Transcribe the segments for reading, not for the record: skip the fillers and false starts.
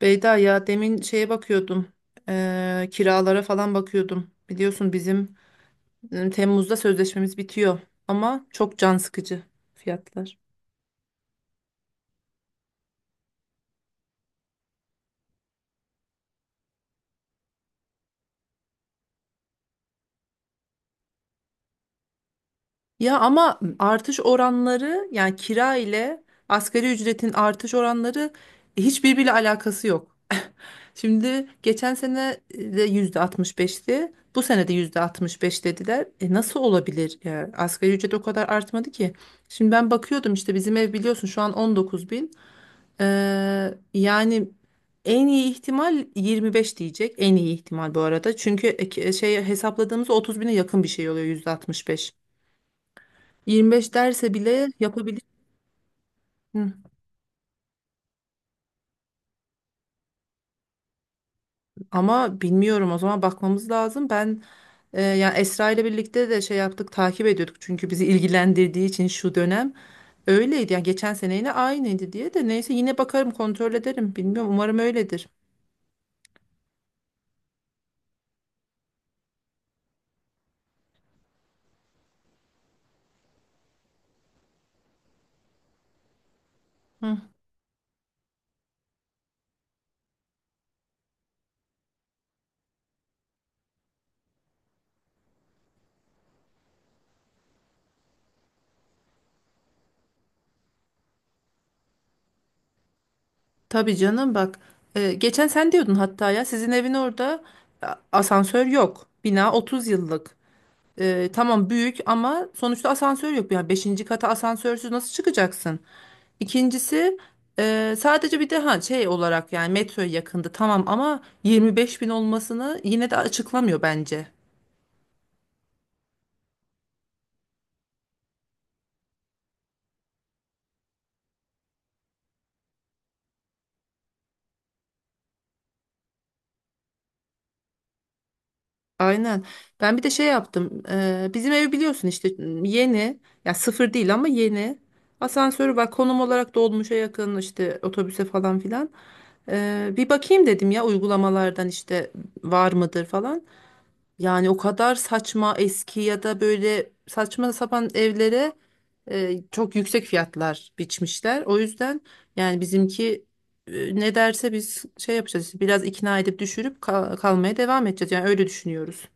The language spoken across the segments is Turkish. Beyda ya demin şeye bakıyordum. Kiralara falan bakıyordum. Biliyorsun bizim Temmuz'da sözleşmemiz bitiyor ama çok can sıkıcı fiyatlar. Ya ama artış oranları yani kira ile asgari ücretin artış oranları hiçbirbiriyle alakası yok. Şimdi geçen sene de %65'ti. Bu sene de %65 dediler. E nasıl olabilir? Yani asgari ücret o kadar artmadı ki. Şimdi ben bakıyordum işte bizim ev biliyorsun şu an 19.000. Yani en iyi ihtimal 25 diyecek. En iyi ihtimal bu arada. Çünkü şey hesapladığımız 30 bine yakın bir şey oluyor %65. 25 derse bile yapabilir. Hı. Ama bilmiyorum o zaman bakmamız lazım. Yani Esra ile birlikte de şey yaptık takip ediyorduk. Çünkü bizi ilgilendirdiği için şu dönem öyleydi. Yani geçen sene yine aynıydı diye de neyse yine bakarım kontrol ederim. Bilmiyorum umarım öyledir. Hı. Tabii canım bak. Geçen sen diyordun hatta ya sizin evin orada asansör yok. Bina 30 yıllık. E, tamam büyük ama sonuçta asansör yok. Yani beşinci kata asansörsüz nasıl çıkacaksın? İkincisi sadece bir de ha şey olarak yani metroya yakındı tamam ama 25 bin olmasını yine de açıklamıyor bence. Aynen. Ben bir de şey yaptım. Bizim ev biliyorsun işte yeni. Ya sıfır değil ama yeni. Asansörü var. Konum olarak dolmuşa yakın işte otobüse falan filan. Bir bakayım dedim ya uygulamalardan işte var mıdır falan. Yani o kadar saçma eski ya da böyle saçma sapan evlere çok yüksek fiyatlar biçmişler. O yüzden yani bizimki ne derse biz şey yapacağız. Biraz ikna edip düşürüp kalmaya devam edeceğiz. Yani öyle düşünüyoruz.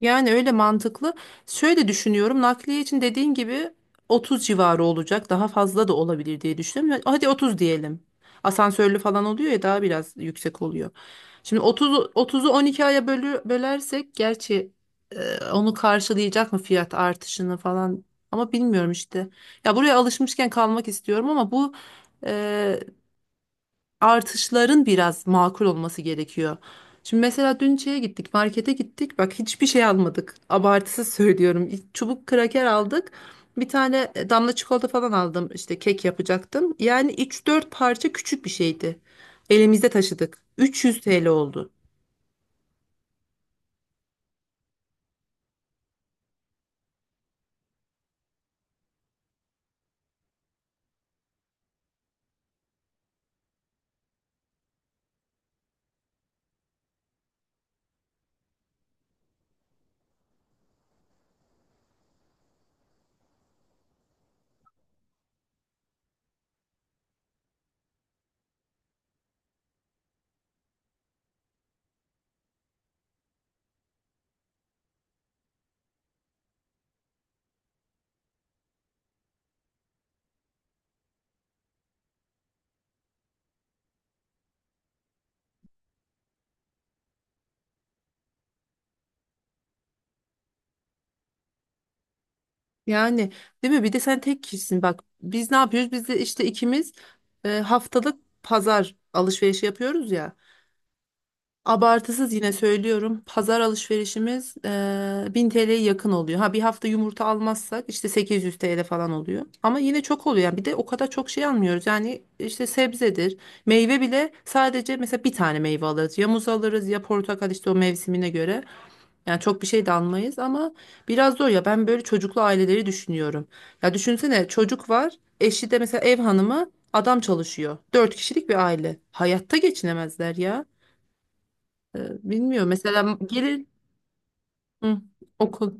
Yani öyle mantıklı. Şöyle düşünüyorum. Nakliye için dediğin gibi 30 civarı olacak. Daha fazla da olabilir diye düşünüyorum. Hadi 30 diyelim. Asansörlü falan oluyor ya daha biraz yüksek oluyor. Şimdi 30, 30'u 12 aya bölersek gerçi onu karşılayacak mı fiyat artışını falan ama bilmiyorum işte. Ya buraya alışmışken kalmak istiyorum ama bu e, artışların biraz makul olması gerekiyor. Şimdi mesela dün markete gittik. Bak hiçbir şey almadık. Abartısız söylüyorum. Çubuk kraker aldık. Bir tane damla çikolata falan aldım. İşte kek yapacaktım. Yani üç dört parça küçük bir şeydi. Elimizde taşıdık. 300 TL oldu. Yani değil mi? Bir de sen tek kişisin. Bak biz ne yapıyoruz? Biz de işte ikimiz haftalık pazar alışverişi yapıyoruz ya. Abartısız yine söylüyorum. Pazar alışverişimiz 1000 TL'ye yakın oluyor. Ha bir hafta yumurta almazsak işte 800 TL falan oluyor. Ama yine çok oluyor. Yani bir de o kadar çok şey almıyoruz. Yani işte sebzedir. Meyve bile sadece mesela bir tane meyve alırız. Ya muz alırız ya portakal işte o mevsimine göre. Yani çok bir şey de almayız ama biraz zor ya. Ben böyle çocuklu aileleri düşünüyorum. Ya düşünsene çocuk var. Eşi de mesela ev hanımı adam çalışıyor. Dört kişilik bir aile. Hayatta geçinemezler ya. Ee, Bilmiyorum. Mesela gelin. Hı, okul.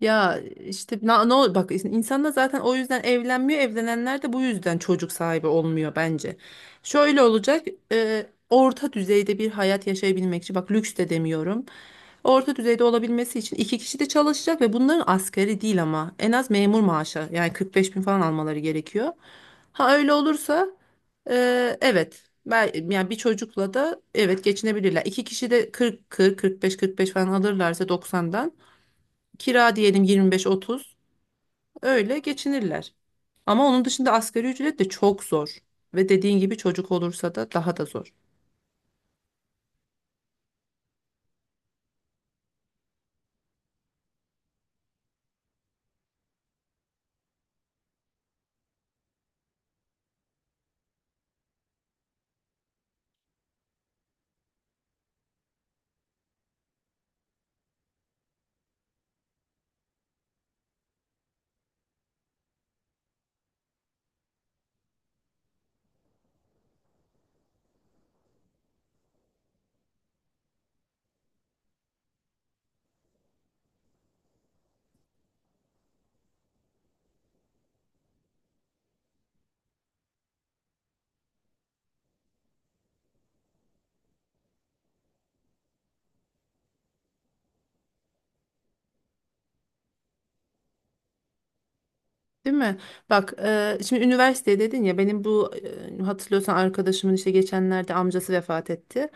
Ya işte ne ol bak insanlar zaten o yüzden evlenmiyor. Evlenenler de bu yüzden çocuk sahibi olmuyor bence. Şöyle olacak. Orta düzeyde bir hayat yaşayabilmek için bak lüks de demiyorum. Orta düzeyde olabilmesi için iki kişi de çalışacak ve bunların asgari değil ama en az memur maaşı yani 45 bin falan almaları gerekiyor. Ha öyle olursa evet ben, yani bir çocukla da evet geçinebilirler. İki kişi de 40 40 45 45 falan alırlarsa 90'dan, kira diyelim 25-30, öyle geçinirler. Ama onun dışında asgari ücret de çok zor. Ve dediğin gibi çocuk olursa da daha da zor. Değil mi? Bak, şimdi üniversite dedin ya benim bu hatırlıyorsan arkadaşımın işte geçenlerde amcası vefat etti.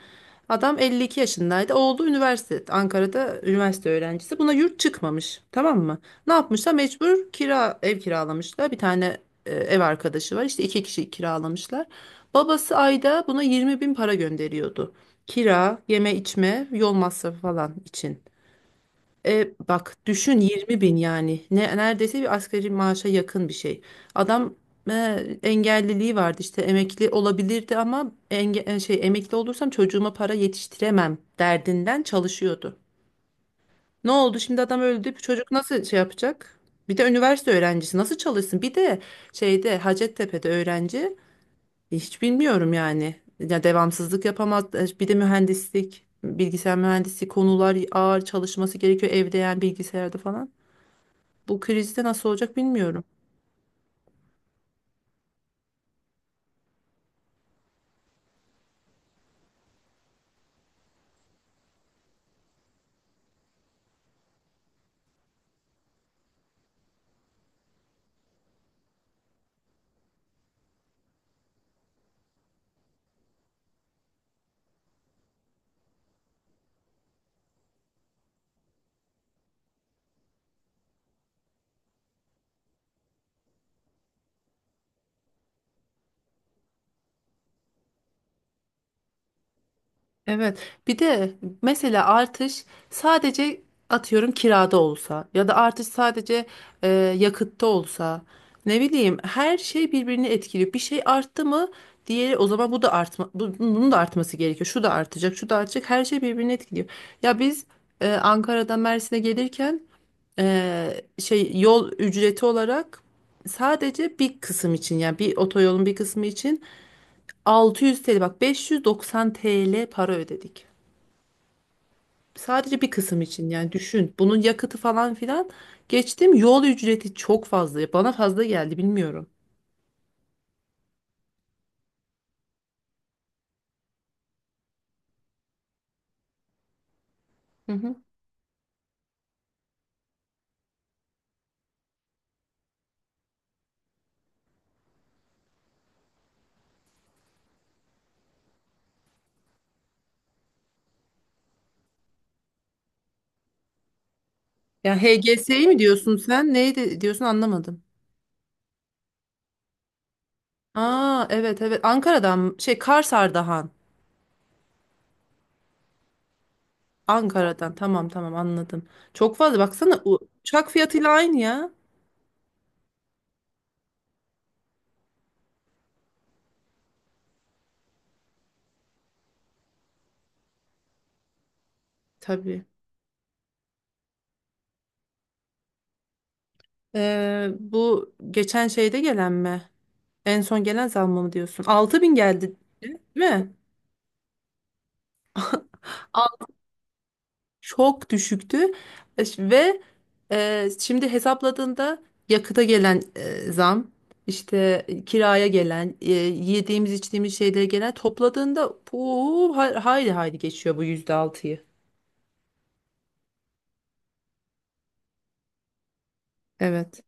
Adam 52 yaşındaydı. Oğlu üniversite Ankara'da üniversite öğrencisi. Buna yurt çıkmamış. Tamam mı? Ne yapmışlar? Mecbur kira ev kiralamışlar. Bir tane ev arkadaşı var. İşte iki kişi kiralamışlar. Babası ayda buna 20 bin para gönderiyordu. Kira, yeme içme, yol masrafı falan için. E, bak düşün 20 bin yani ne, neredeyse bir asgari maaşa yakın bir şey. Adam e, engelliliği vardı işte emekli olabilirdi ama şey emekli olursam çocuğuma para yetiştiremem derdinden çalışıyordu. Ne oldu şimdi adam öldü bir çocuk nasıl şey yapacak? Bir de üniversite öğrencisi nasıl çalışsın? Bir de şeyde Hacettepe'de öğrenci hiç bilmiyorum yani. Ya devamsızlık yapamaz. E, bir de mühendislik, bilgisayar mühendisliği konular ağır çalışması gerekiyor evde yani bilgisayarda falan. Bu krizde nasıl olacak bilmiyorum. Evet. Bir de mesela artış sadece atıyorum kirada olsa ya da artış sadece e, yakıtta olsa ne bileyim her şey birbirini etkiliyor. Bir şey arttı mı diğeri o zaman bu da artma bunun da artması gerekiyor. Şu da artacak, şu da artacak. Her şey birbirini etkiliyor. Ya biz Ankara'dan Mersin'e gelirken e, şey yol ücreti olarak sadece bir kısım için yani bir otoyolun bir kısmı için 600 TL, bak 590 TL para ödedik. Sadece bir kısım için yani düşün. Bunun yakıtı falan filan geçtim. Yol ücreti çok fazla. Bana fazla geldi bilmiyorum. Hı hı. Ya HGS'yi mi diyorsun sen? Neydi diyorsun anlamadım. Aa evet evet Ankara'dan şey Karsardahan. Ankara'dan tamam tamam anladım. Çok fazla baksana uçak fiyatıyla aynı ya. Tabii. Bu geçen şeyde gelen mi? En son gelen zam mı diyorsun? Altı bin geldi değil mi? Çok düşüktü. Ve şimdi hesapladığında yakıta gelen zam, işte kiraya gelen, yediğimiz içtiğimiz şeylere gelen topladığında bu hayli hayli geçiyor bu yüzde altıyı. Evet.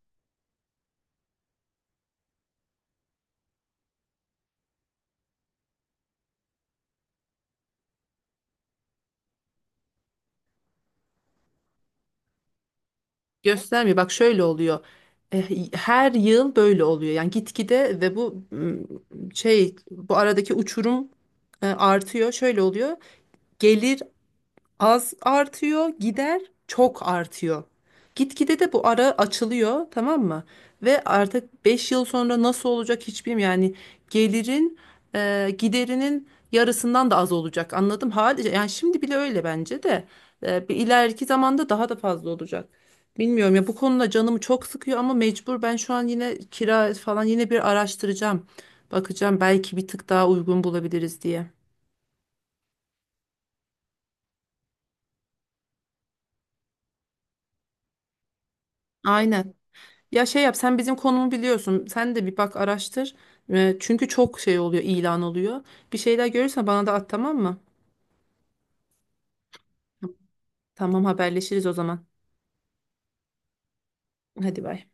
Göstermiyor. Bak şöyle oluyor. E, her yıl böyle oluyor. Yani gitgide ve bu şey bu aradaki uçurum artıyor. Şöyle oluyor. Gelir az artıyor, gider çok artıyor. Gitgide de bu ara açılıyor, tamam mı? Ve artık 5 yıl sonra nasıl olacak hiç bilmiyorum. Yani gelirin giderinin yarısından da az olacak. Anladım. Hali, yani şimdi bile öyle bence de. E, bir ileriki zamanda daha da fazla olacak. Bilmiyorum ya bu konuda canımı çok sıkıyor ama mecbur ben şu an yine kira falan yine bir araştıracağım. Bakacağım belki bir tık daha uygun bulabiliriz diye. Aynen. Ya şey yap sen bizim konumu biliyorsun. Sen de bir bak araştır. Çünkü çok şey oluyor, ilan oluyor. Bir şeyler görürsen bana da at tamam mı? Tamam haberleşiriz o zaman. Hadi bay.